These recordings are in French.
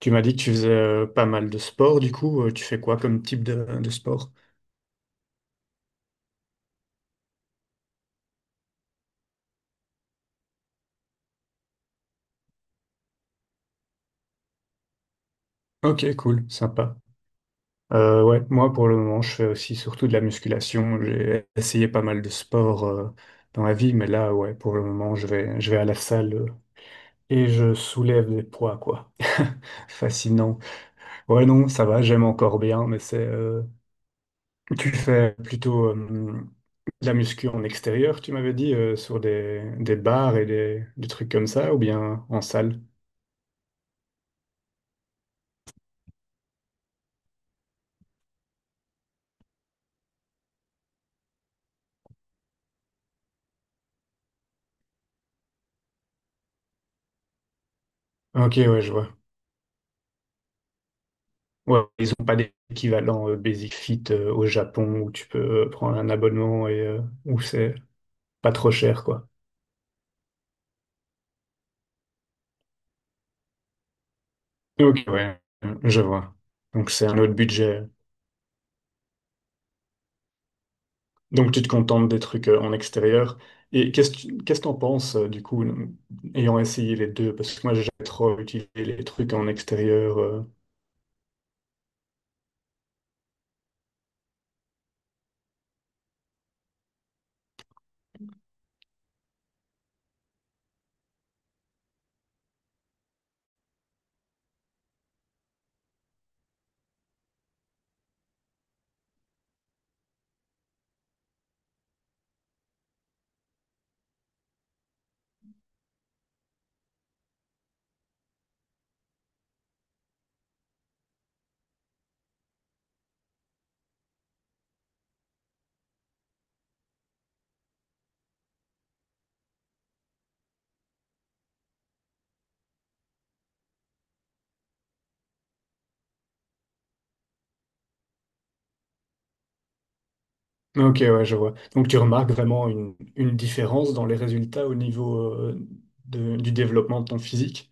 Tu m'as dit que tu faisais pas mal de sport. Tu fais quoi comme type de sport? Ok, cool, sympa. Ouais, Moi pour le moment, je fais aussi surtout de la musculation. J'ai essayé pas mal de sports dans la vie, mais là, ouais, pour le moment, je vais à la salle et je soulève des poids, quoi. Fascinant. Ouais, non, ça va, j'aime encore bien, mais c'est. Tu fais plutôt de la muscu en extérieur, tu m'avais dit, sur des bars et des trucs comme ça, ou bien en salle? Ok, ouais, je vois. Ouais, ils n'ont pas d'équivalent Basic Fit au Japon où tu peux prendre un abonnement et où c'est pas trop cher, quoi. Ok, ouais, je vois. Donc c'est un autre budget. Donc tu te contentes des trucs en extérieur. Et qu'est-ce que t'en penses, ayant essayé les deux? Parce que moi j'ai jamais trop utilisé les trucs en extérieur. Ok, ouais, je vois. Donc tu remarques vraiment une différence dans les résultats au niveau du développement de ton physique?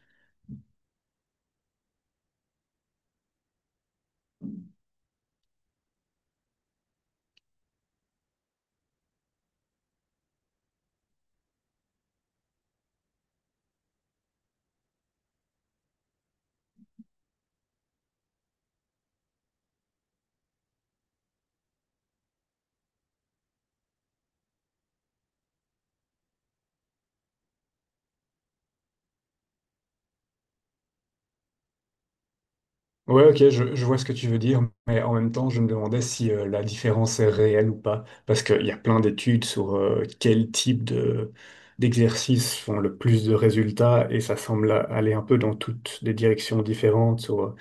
Ouais, ok, je vois ce que tu veux dire, mais en même temps, je me demandais si la différence est réelle ou pas, parce qu'il y a plein d'études sur quel type de d'exercices font le plus de résultats, et ça semble aller un peu dans toutes des directions différentes, sur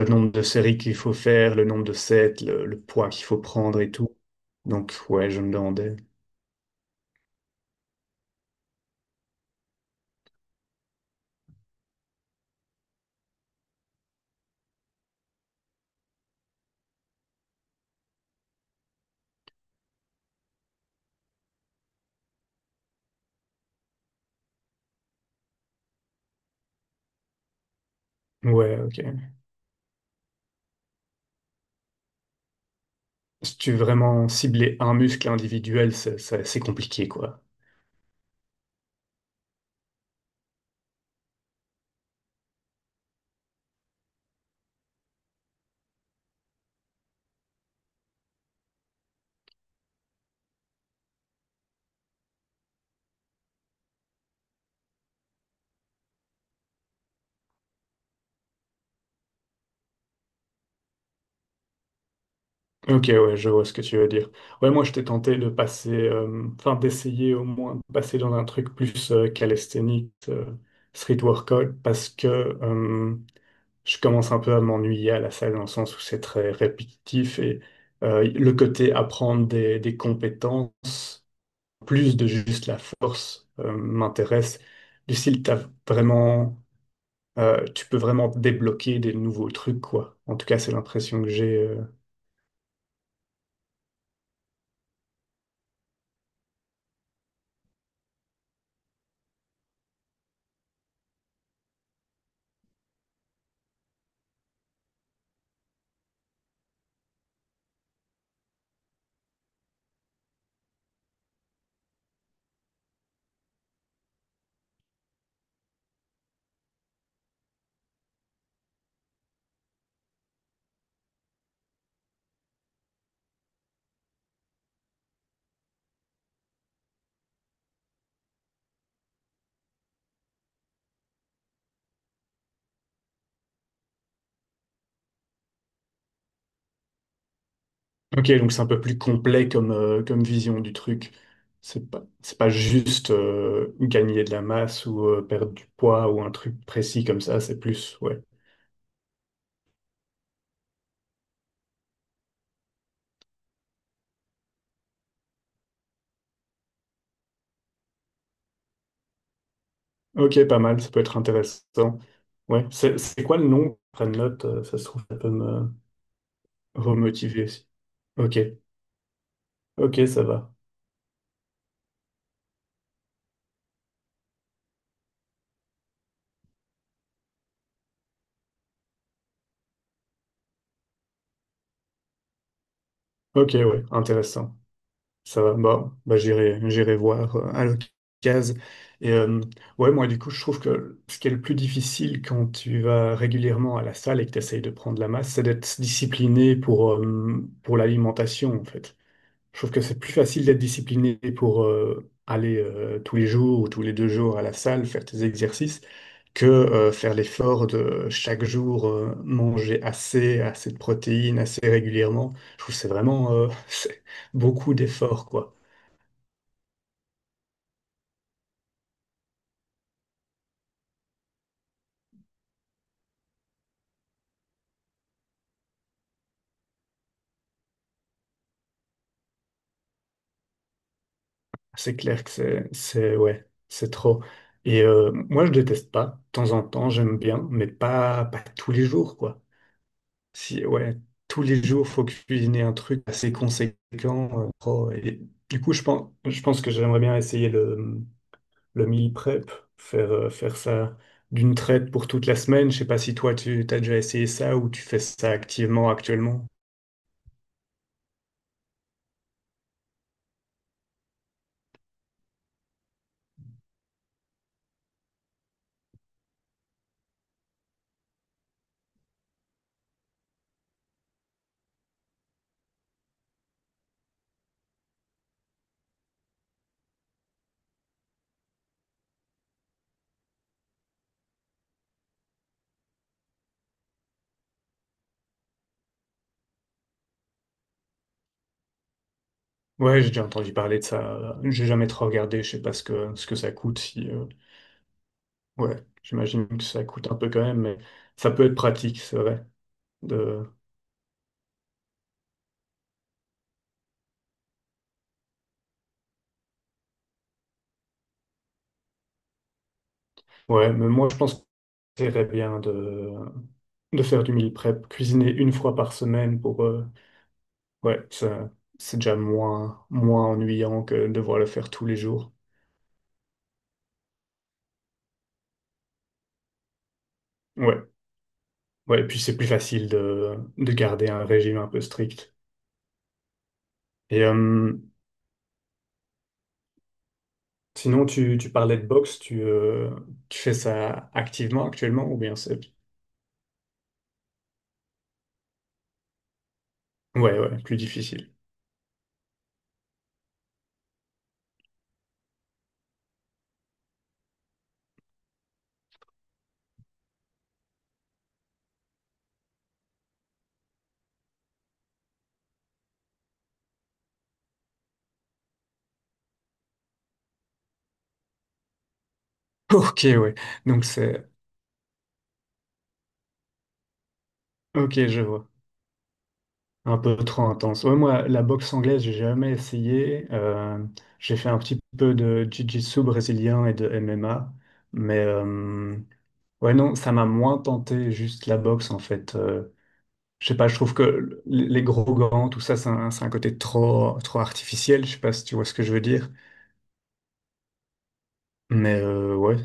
le nombre de séries qu'il faut faire, le nombre de sets, le poids qu'il faut prendre et tout. Donc, ouais, je me demandais. Ouais, ok. Si tu veux vraiment cibler un muscle individuel, c'est compliqué, quoi. Ok, ouais, je vois ce que tu veux dire. Ouais, moi, j'étais tenté de passer, enfin, d'essayer au moins de passer dans un truc plus calisthénique, street workout, parce que euh, je commence un peu à m'ennuyer à la salle dans le sens où c'est très répétitif et le côté apprendre des compétences, plus de juste la force, m'intéresse. Du style, t'as vraiment, tu peux vraiment débloquer des nouveaux trucs, quoi. En tout cas, c'est l'impression que j'ai. Ok, donc c'est un peu plus complet comme, comme vision du truc. C'est pas juste gagner de la masse ou perdre du poids ou un truc précis comme ça, c'est plus, ouais. Ok, pas mal, ça peut être intéressant. Ouais, c'est quoi le nom? Je prends note, ça se trouve, ça peut me remotiver aussi. Ok, ok, ça va. Ok, ouais, intéressant. Ça va, j'irai, j'irai voir à l'occasion. Et euh, ouais, moi, du coup, je trouve que ce qui est le plus difficile quand tu vas régulièrement à la salle et que tu essayes de prendre la masse, c'est d'être discipliné pour l'alimentation, en fait. Je trouve que c'est plus facile d'être discipliné pour aller tous les jours ou tous les deux jours à la salle, faire tes exercices, que faire l'effort de chaque jour manger assez de protéines, assez régulièrement. Je trouve que c'est vraiment c'est beaucoup d'efforts, quoi. C'est clair que ouais, c'est trop. Moi, je déteste pas. De temps en temps, j'aime bien, mais pas tous les jours, quoi. Si, ouais, tous les jours, faut cuisiner un truc assez conséquent. Trop. Et du coup, je pense que j'aimerais bien essayer le meal prep, faire ça d'une traite pour toute la semaine. Je sais pas si toi, tu as déjà essayé ça ou tu fais ça activement actuellement. Ouais, j'ai déjà entendu parler de ça. J'ai jamais trop regardé. Je sais pas ce que ça coûte. Si, ouais, j'imagine que ça coûte un peu quand même, mais ça peut être pratique, c'est vrai. De... Ouais, mais moi je pense que c'est bien de faire du meal prep, cuisiner une fois par semaine pour... ouais, ça, c'est déjà moins ennuyant que de devoir le faire tous les jours. Ouais, ouais, et puis c'est plus facile de garder un régime un peu strict. Et euh, sinon, tu... tu parlais de boxe, tu fais ça activement actuellement ou bien c'est... Ouais, ouais, plus difficile. Ok, ouais. Donc c'est... Ok, je vois. Un peu trop intense. Ouais, moi, la boxe anglaise, j'ai jamais essayé. J'ai fait un petit peu de jiu-jitsu brésilien et de MMA. Mais ouais, non, ça m'a moins tenté juste la boxe, en fait. Je sais pas, je trouve que les gros gants, tout ça, c'est c'est un côté trop, trop artificiel. Je sais pas si tu vois ce que je veux dire. Mais ouais.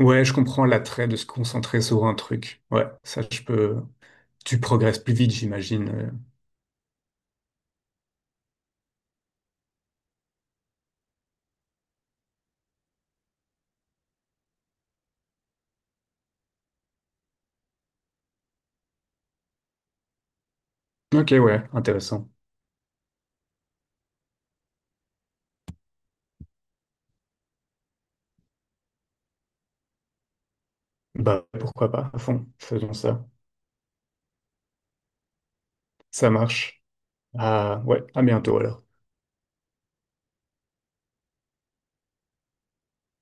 Ouais, je comprends l'attrait de se concentrer sur un truc. Ouais, ça, je peux. Tu progresses plus vite, j'imagine. Ok, ouais, intéressant. Bah, pourquoi pas, à fond, faisons ça. Ça marche. Ah, ouais, à bientôt alors.